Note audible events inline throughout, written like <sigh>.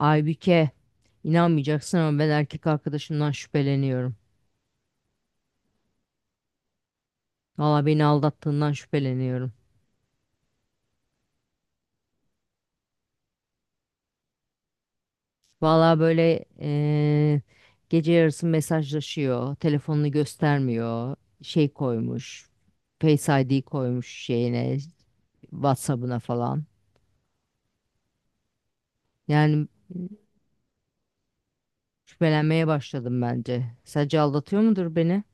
Aybüke, inanmayacaksın ama ben erkek arkadaşımdan şüpheleniyorum. Valla beni aldattığından şüpheleniyorum. Valla böyle gece yarısı mesajlaşıyor, telefonunu göstermiyor, şey koymuş, Face ID koymuş şeyine, WhatsApp'ına falan. Yani şüphelenmeye başladım bence. Sadece aldatıyor mudur beni?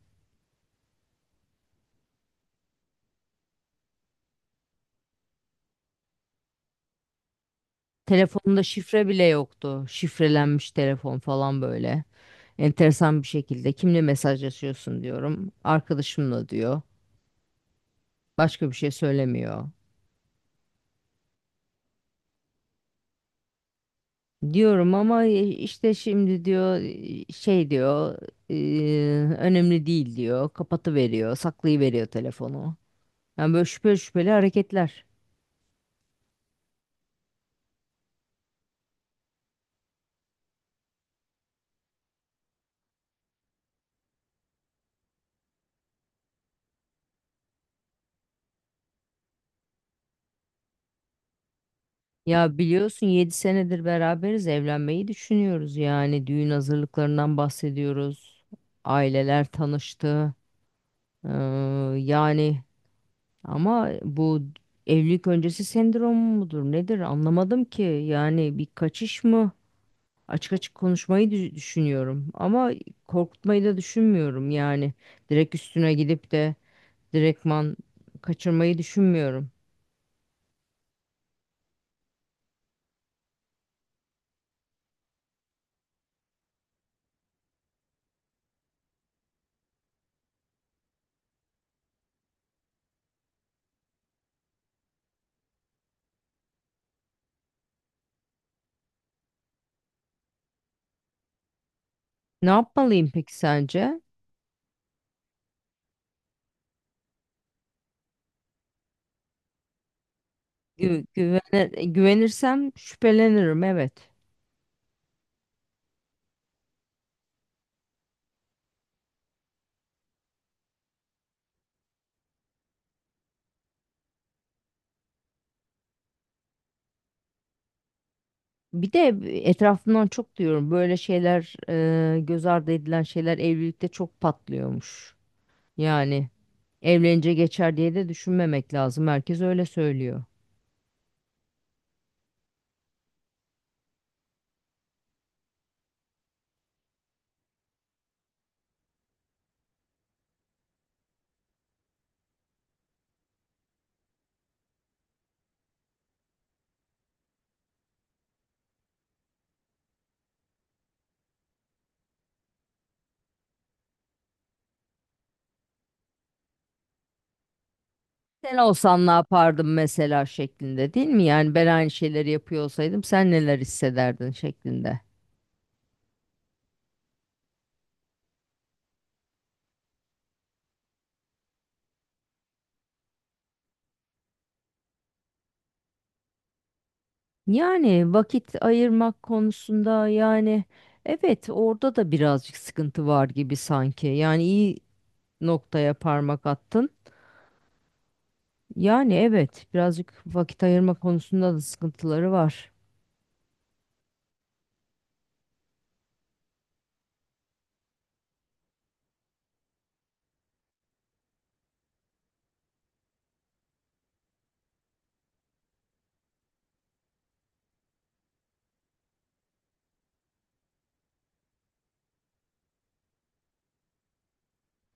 Telefonunda şifre bile yoktu. Şifrelenmiş telefon falan böyle. Enteresan bir şekilde kimle mesajlaşıyorsun diyorum. Arkadaşımla diyor. Başka bir şey söylemiyor. Diyorum ama işte şimdi diyor, şey diyor, önemli değil," diyor. Kapatıveriyor, saklayıveriyor telefonu. Yani böyle şüpheli şüpheli hareketler. Ya biliyorsun 7 senedir beraberiz, evlenmeyi düşünüyoruz, yani düğün hazırlıklarından bahsediyoruz. Aileler tanıştı. Eee, yani ama bu evlilik öncesi sendrom mudur nedir anlamadım ki. Yani bir kaçış mı? Açık açık konuşmayı düşünüyorum ama korkutmayı da düşünmüyorum yani. Direkt üstüne gidip de direktman kaçırmayı düşünmüyorum. Ne yapmalıyım peki sence? Güvenirsem şüphelenirim, evet. Bir de etrafımdan çok diyorum böyle şeyler, göz ardı edilen şeyler evlilikte çok patlıyormuş. Yani. Evlenince geçer diye de düşünmemek lazım. Herkes öyle söylüyor. Sen olsan ne yapardın mesela şeklinde değil mi? Yani ben aynı şeyleri yapıyor olsaydım sen neler hissederdin şeklinde. Yani vakit ayırmak konusunda, yani evet, orada da birazcık sıkıntı var gibi sanki. Yani iyi noktaya parmak attın. Yani evet, birazcık vakit ayırma konusunda da sıkıntıları var.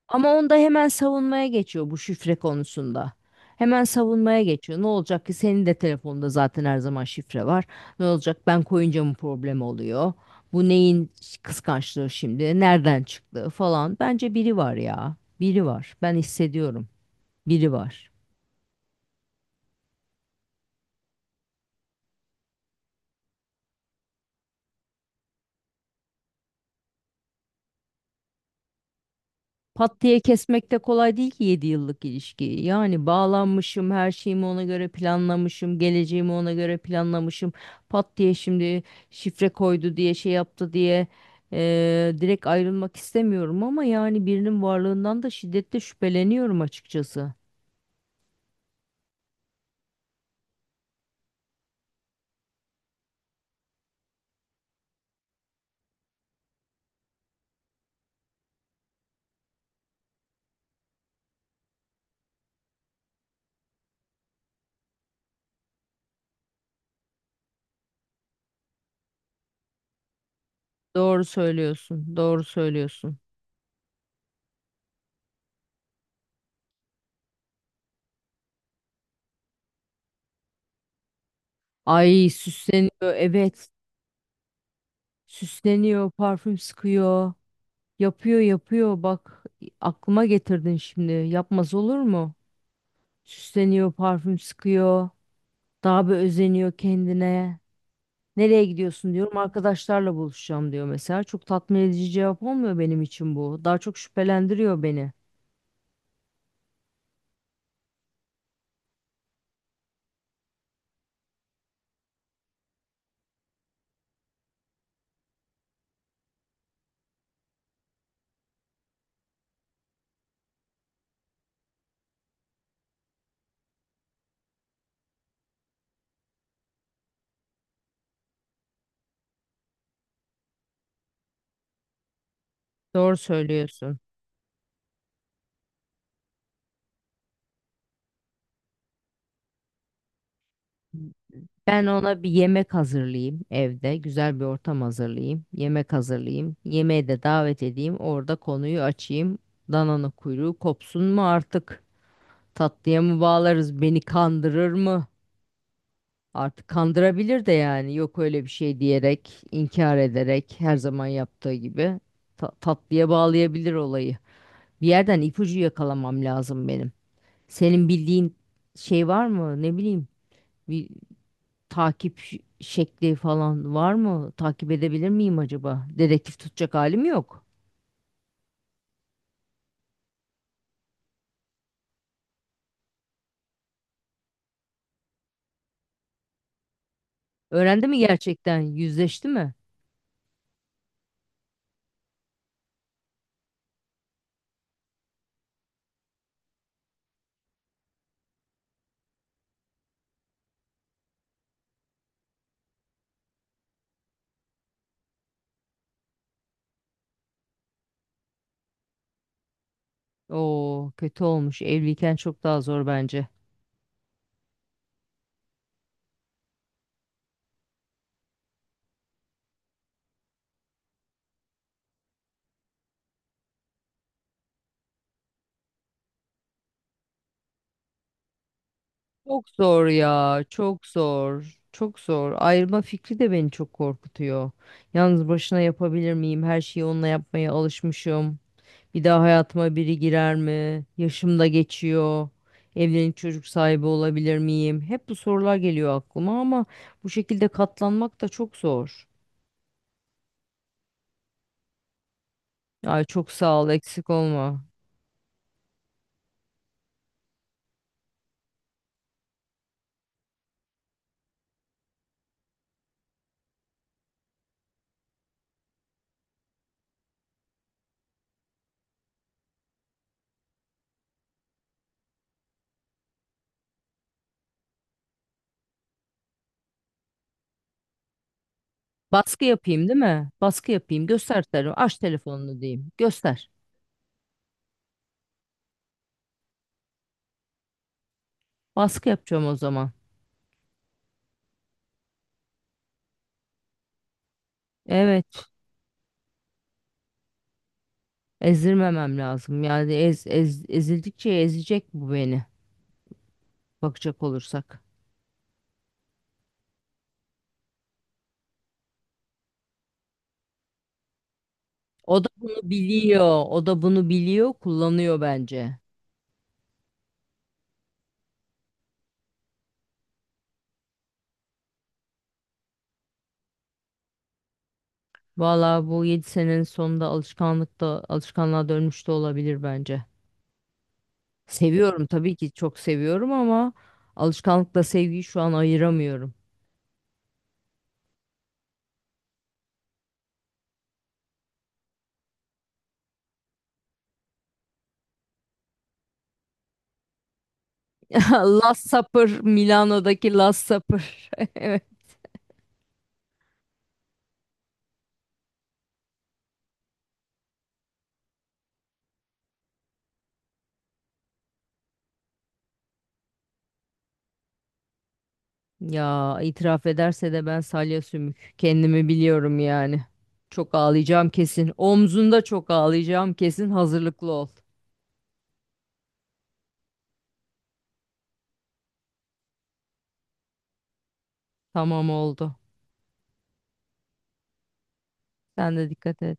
Ama onda hemen savunmaya geçiyor bu şifre konusunda. Hemen savunmaya geçiyor. Ne olacak ki, senin de telefonunda zaten her zaman şifre var. Ne olacak, ben koyunca mı problem oluyor? Bu neyin kıskançlığı şimdi? Nereden çıktı falan. Bence biri var ya. Biri var. Ben hissediyorum. Biri var. Pat diye kesmek de kolay değil ki 7 yıllık ilişkiyi. Yani bağlanmışım, her şeyimi ona göre planlamışım, geleceğimi ona göre planlamışım. Pat diye şimdi şifre koydu diye, şey yaptı diye, direkt ayrılmak istemiyorum ama yani birinin varlığından da şiddetle şüpheleniyorum açıkçası. Doğru söylüyorsun, doğru söylüyorsun. Ay süsleniyor, evet, süsleniyor, parfüm sıkıyor, yapıyor yapıyor, bak, aklıma getirdin şimdi, yapmaz olur mu? Süsleniyor, parfüm sıkıyor. Daha bir özeniyor kendine. Nereye gidiyorsun diyorum. Arkadaşlarla buluşacağım diyor mesela. Çok tatmin edici cevap olmuyor benim için bu. Daha çok şüphelendiriyor beni. Doğru söylüyorsun. Ben ona bir yemek hazırlayayım evde. Güzel bir ortam hazırlayayım. Yemek hazırlayayım. Yemeğe de davet edeyim. Orada konuyu açayım. Dananın kuyruğu kopsun mu artık? Tatlıya mı bağlarız? Beni kandırır mı? Artık kandırabilir de, yani yok öyle bir şey diyerek, inkar ederek, her zaman yaptığı gibi tatlıya bağlayabilir olayı. Bir yerden ipucu yakalamam lazım benim. Senin bildiğin şey var mı? Ne bileyim, bir takip şekli falan var mı? Takip edebilir miyim acaba? Dedektif tutacak halim yok. Öğrendi mi gerçekten? Yüzleşti mi? Oo, kötü olmuş. Evliyken çok daha zor bence. Çok zor ya, çok zor, çok zor. Ayrılma fikri de beni çok korkutuyor. Yalnız başına yapabilir miyim? Her şeyi onunla yapmaya alışmışım. Bir daha hayatıma biri girer mi? Yaşım da geçiyor. Evlenip çocuk sahibi olabilir miyim? Hep bu sorular geliyor aklıma ama bu şekilde katlanmak da çok zor. Ay çok sağ ol, eksik olma. Baskı yapayım değil mi? Baskı yapayım. Göster telefonu. Aç telefonunu diyeyim. Göster. Baskı yapacağım o zaman. Evet. Ezdirmemem lazım. Yani ezildikçe ezecek bu beni. Bakacak olursak. O da bunu biliyor. O da bunu biliyor, kullanıyor bence. Vallahi bu 7 senenin sonunda alışkanlığa dönmüş de olabilir bence. Seviyorum tabii ki, çok seviyorum ama alışkanlıkla sevgiyi şu an ayıramıyorum. <laughs> Last Supper, Milano'daki Last Supper. <laughs> Ya itiraf ederse de ben salya sümük. Kendimi biliyorum yani. Çok ağlayacağım kesin. Omzunda çok ağlayacağım kesin. Hazırlıklı ol. Tamam, oldu. Sen de dikkat et.